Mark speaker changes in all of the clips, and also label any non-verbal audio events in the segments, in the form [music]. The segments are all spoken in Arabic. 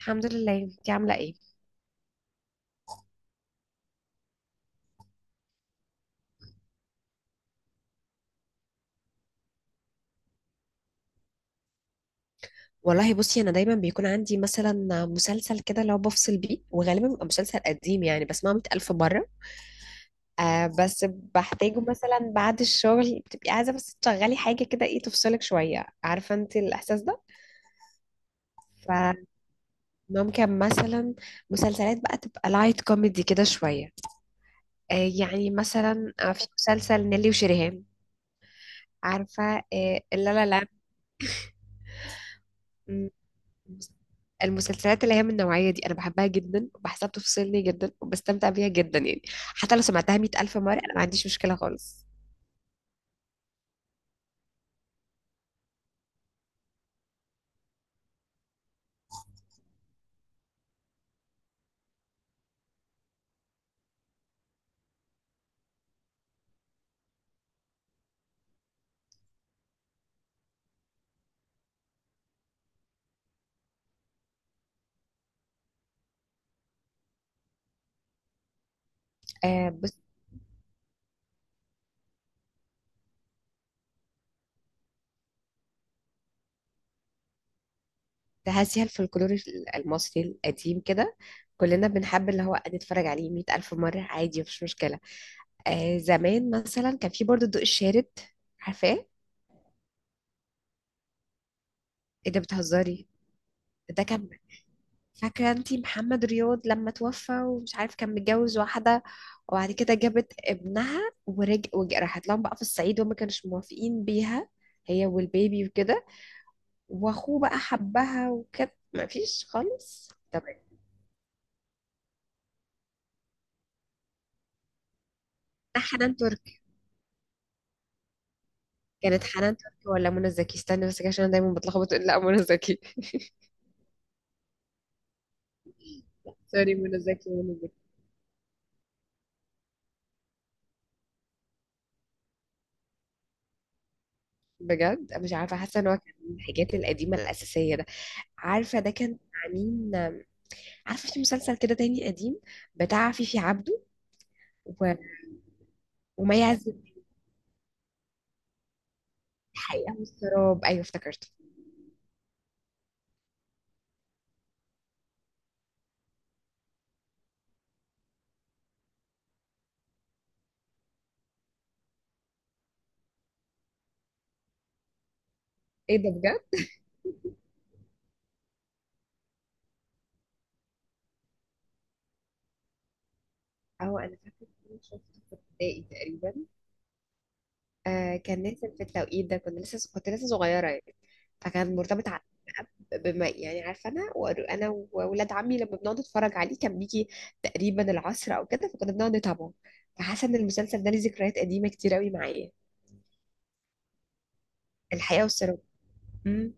Speaker 1: الحمد لله. انتي عامله ايه؟ والله بصي، انا دايما بيكون عندي مثلا مسلسل كده لو بفصل بيه، وغالبا بيبقى مسلسل قديم، يعني بسمعه 100,000 مره. آه بس بحتاجه مثلا بعد الشغل، بتبقي عايزه بس تشغلي حاجه كده، ايه تفصلك شويه، عارفه انت الاحساس ده. فممكن مثلا مسلسلات بقى تبقى لايت كوميدي كده شويه. آه، يعني مثلا في مسلسل نيلي وشريهان، عارفه؟ آه لا لا لا، المسلسلات اللي هي من النوعية دي أنا بحبها جدا، وبحسها بتفصلني جدا، وبستمتع بيها جدا يعني. حتى لو سمعتها مئة ألف مرة، أنا ما عنديش مشكلة خالص. آه بص، هذه الفولكلور المصري القديم كده، كلنا بنحب اللي هو نتفرج عليه مئة ألف مرة عادي، مفيش مشكلة. آه زمان مثلا كان في برضه الضوء الشارد، عارفاه؟ إيه ده بتهزري؟ ده كان، فاكرة انتي محمد رياض لما توفى ومش عارف كان متجوز واحدة، وبعد كده جابت ابنها راحت لهم بقى في الصعيد وما كانوش موافقين بيها، هي والبيبي وكده، واخوه بقى حبها وكده، ما فيش خالص. طب ده حنان تركي، كانت حنان تركي ولا منى زكي؟ استني بس كده عشان انا دايما بتلخبط. لا منى زكي [laughs] سوري، منى زكي منى زكي. بجد مش عارفه، حاسه ان هو كان من الحاجات القديمه الاساسيه ده. عارفه ده كان مع مين؟ عارفه في مسلسل كده تاني قديم بتاع فيفي عبده و... وما يعزب؟ الحقيقه والسراب، ايوه افتكرته. ايه ده بجد. اه انا فاكره إن أنا شفته في ابتدائي تقريبا. آه كان نازل في التوقيت ده، كنت لسه صغيره يعني. فكان مرتبط بما، يعني عارفه، انا واولاد عمي لما بنقعد نتفرج عليه كان بيجي تقريبا العصر او كده، فكنا بنقعد نتابعه. فحاسه ان المسلسل ده ليه ذكريات قديمه كتير قوي معايا. الحقيقه والسراب. امم.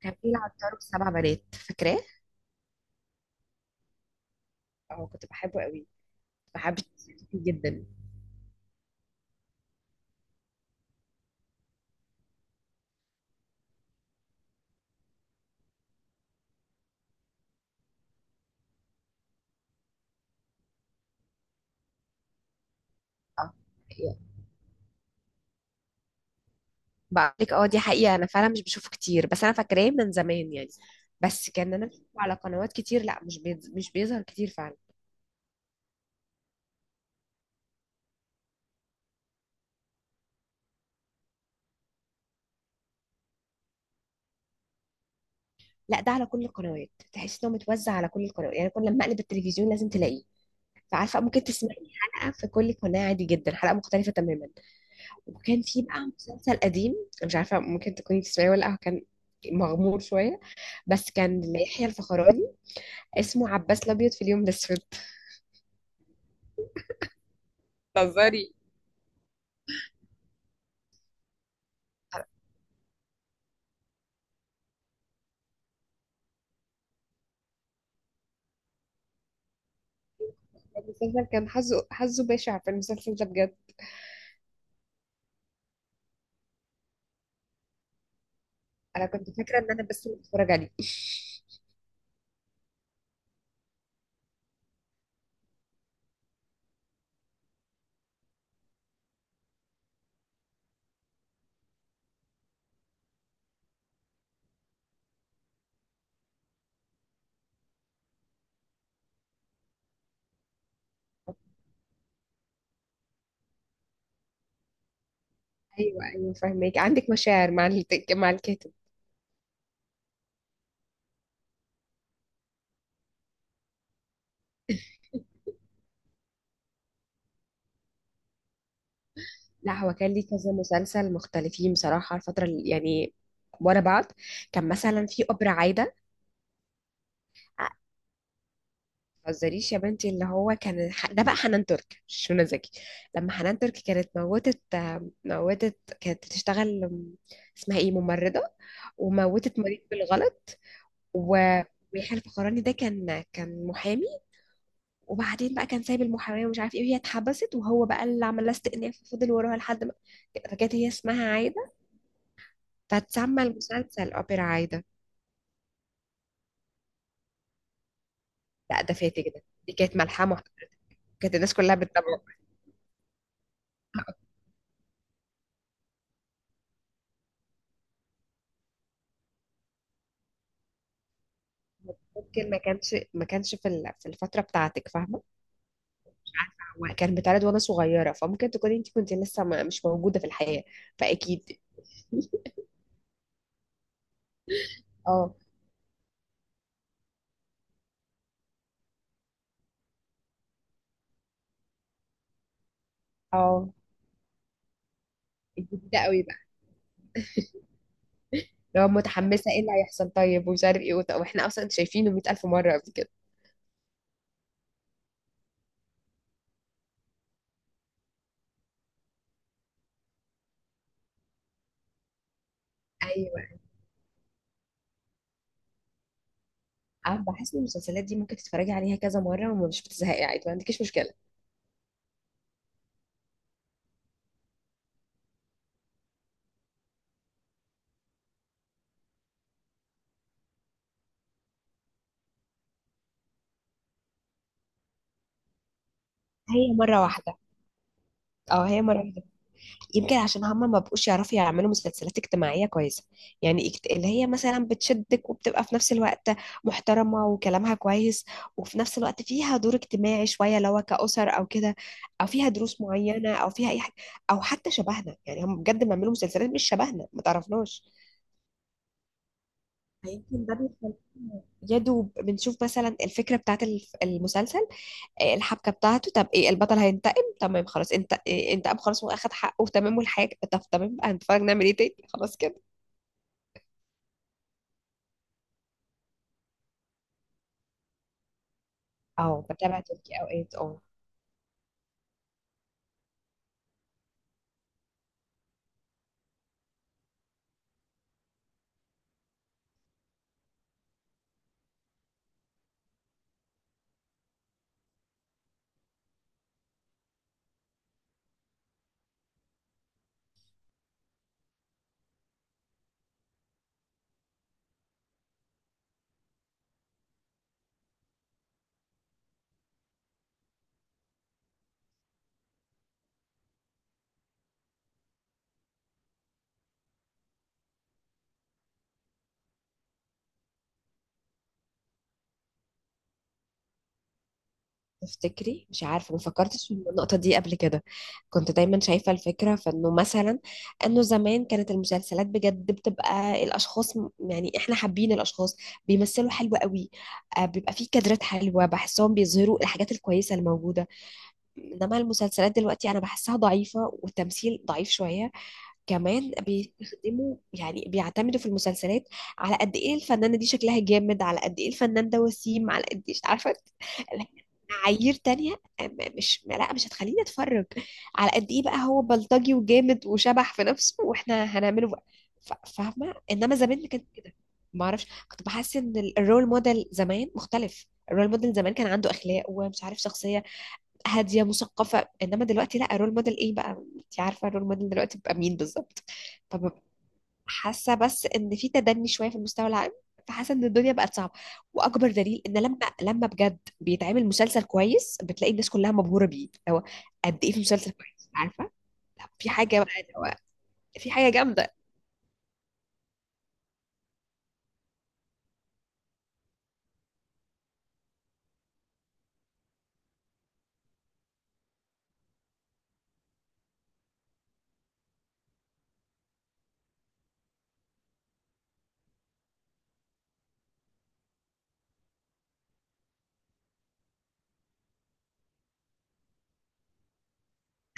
Speaker 1: كان في العطار والسبع بنات، فاكراه؟ اه كنت بحبه قوي، فحبيت الشخص دي جدا. اه، يعني بقول لك، اه دي حقيقة، انا فعلا مش بشوفه كتير، بس انا فاكراه من زمان يعني. بس كان انا بشوفه على قنوات كتير. لا مش بيظهر كتير فعلا. لا، ده على كل القنوات، تحس انه متوزع على كل القنوات، يعني كل لما اقلب التلفزيون لازم تلاقيه. فعارفة ممكن تسمعي حلقة في كل قناة عادي جدا، حلقة مختلفة تماما. وكان في بقى مسلسل قديم، أنا مش عارفة ممكن تكوني تسمعيه ولا لا، هو كان مغمور شوية، بس كان ليحيى الفخراني، اسمه عباس الأبيض في اليوم الأسود. بتهزري؟ المسلسل كان حظه، حظه بشع في المسلسل ده بجد. انا كنت فاكره ان انا بس اللي بتفرج عليه [laughs] ايوه ايوه فاهمك، عندك مشاعر مع مع الكاتب. لا هو كان ليه كذا مسلسل مختلفين بصراحه الفتره اللي يعني ورا بعض. كان مثلا في أبرة عايده. آه، متهزريش يا بنتي، اللي هو كان ده بقى حنان ترك مش منى زكي. لما حنان ترك كانت موتت، موتت، كانت بتشتغل اسمها ايه، ممرضه، وموتت مريض بالغلط. و- ويحيى الفخراني ده كان محامي، وبعدين بقى كان سايب المحامية ومش عارف ايه، وهي اتحبست، وهو بقى اللي عمل لها استئناف وفضل وراها لحد ما، فكانت هي اسمها عايدة، فتسمى المسلسل أوبرا عايدة. لا ده فاتك ده، دي كانت ملحمة محترمة. كانت الناس كلها بتتابعه. ممكن ما كانش في في الفترة بتاعتك، فاهمة؟ مش عارفة، هو كان بيتعرض وانا صغيرة، فممكن تكوني انت كنت لسه مش موجودة في الحياة، فأكيد. اه اه، جديدة قوي بقى. لو متحمسة ايه اللي هيحصل طيب ومش عارف ايه واحنا اصلا شايفينه 100,000 مرة قبل كده. ايوه، أنا بحس ان المسلسلات دي ممكن تتفرجي عليها كذا مره ومش بتزهقي عادي، ما عندكيش مشكله. هي مرة واحدة. اه هي مرة واحدة. يمكن عشان هما ما بقوش يعرفوا يعملوا مسلسلات اجتماعيه كويسه، يعني اللي هي مثلا بتشدك، وبتبقى في نفس الوقت محترمه وكلامها كويس، وفي نفس الوقت فيها دور اجتماعي شويه اللي هو كاسر او كده، او فيها دروس معينه، او فيها اي حاجه، او حتى شبهنا. يعني هم بجد بيعملوا مسلسلات مش شبهنا، ما تعرفناش. يمكن ده بيخلينا يا دوب بنشوف مثلا الفكره بتاعت المسلسل، الحبكه بتاعته. طب ايه، البطل هينتقم، تمام خلاص. انت إيه، انتقم خلاص واخد حقه تمام، والحاجه، طب تمام بقى، هنتفرج نعمل ايه تاني؟ خلاص كده. اه بتابع تركي اوقات اه. تفتكري؟ مش عارفة ما فكرتش في النقطة دي قبل كده. كنت دايما شايفة الفكرة فإنه مثلا، إنه زمان كانت المسلسلات بجد بتبقى الأشخاص يعني إحنا حابين الأشخاص، بيمثلوا حلو قوي، بيبقى فيه كادرات حلوة، بحسهم بيظهروا الحاجات الكويسة الموجودة. إنما المسلسلات دلوقتي أنا بحسها ضعيفة، والتمثيل ضعيف شوية. كمان بيستخدموا، يعني بيعتمدوا في المسلسلات على قد ايه الفنانة دي شكلها جامد، على قد ايه الفنان ده وسيم، على قد ايه عارفة اللي هي معايير تانية، مش هتخليني اتفرج على قد ايه بقى هو بلطجي وجامد وشبح في نفسه واحنا هنعمله بقى. فاهمة؟ انما زمان ما كانش كده. ما اعرفش، كنت بحس ان الرول موديل زمان مختلف، الرول موديل زمان كان عنده اخلاق ومش عارف، شخصية هادية مثقفة، انما دلوقتي لا، الرول موديل ايه بقى؟ انت عارفة الرول موديل دلوقتي بقى مين بالظبط. طب، حاسه بس ان في تدني شويه في المستوى العام، فحاسه ان الدنيا بقت صعبه. واكبر دليل ان لما بجد بيتعمل مسلسل كويس بتلاقي الناس كلها مبهوره بيه، هو قد ايه في مسلسل كويس، عارفه؟ لا، في حاجه بقى، هو في حاجه جامده.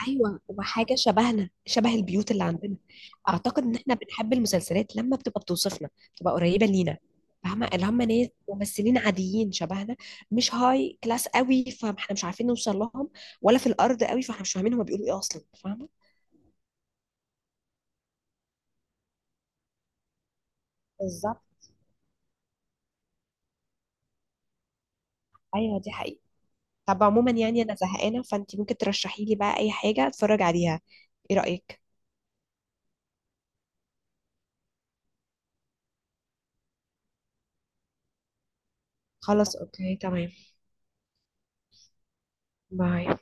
Speaker 1: ايوه، وحاجه شبهنا، شبه البيوت اللي عندنا. اعتقد ان احنا بنحب المسلسلات لما بتبقى بتوصفنا، بتبقى قريبه لينا، فاهمه؟ اللي هم ناس ممثلين عاديين شبهنا، مش هاي كلاس قوي فاحنا مش عارفين نوصل لهم، ولا في الارض قوي فاحنا مش فاهمين هم بيقولوا ايه اصلا، فاهمه؟ بالظبط. ايوه دي حقيقة. طب عموما يعني انا زهقانه، فانت ممكن ترشحي لي بقى اي حاجه اتفرج عليها، ايه رايك؟ خلاص اوكي تمام. باي.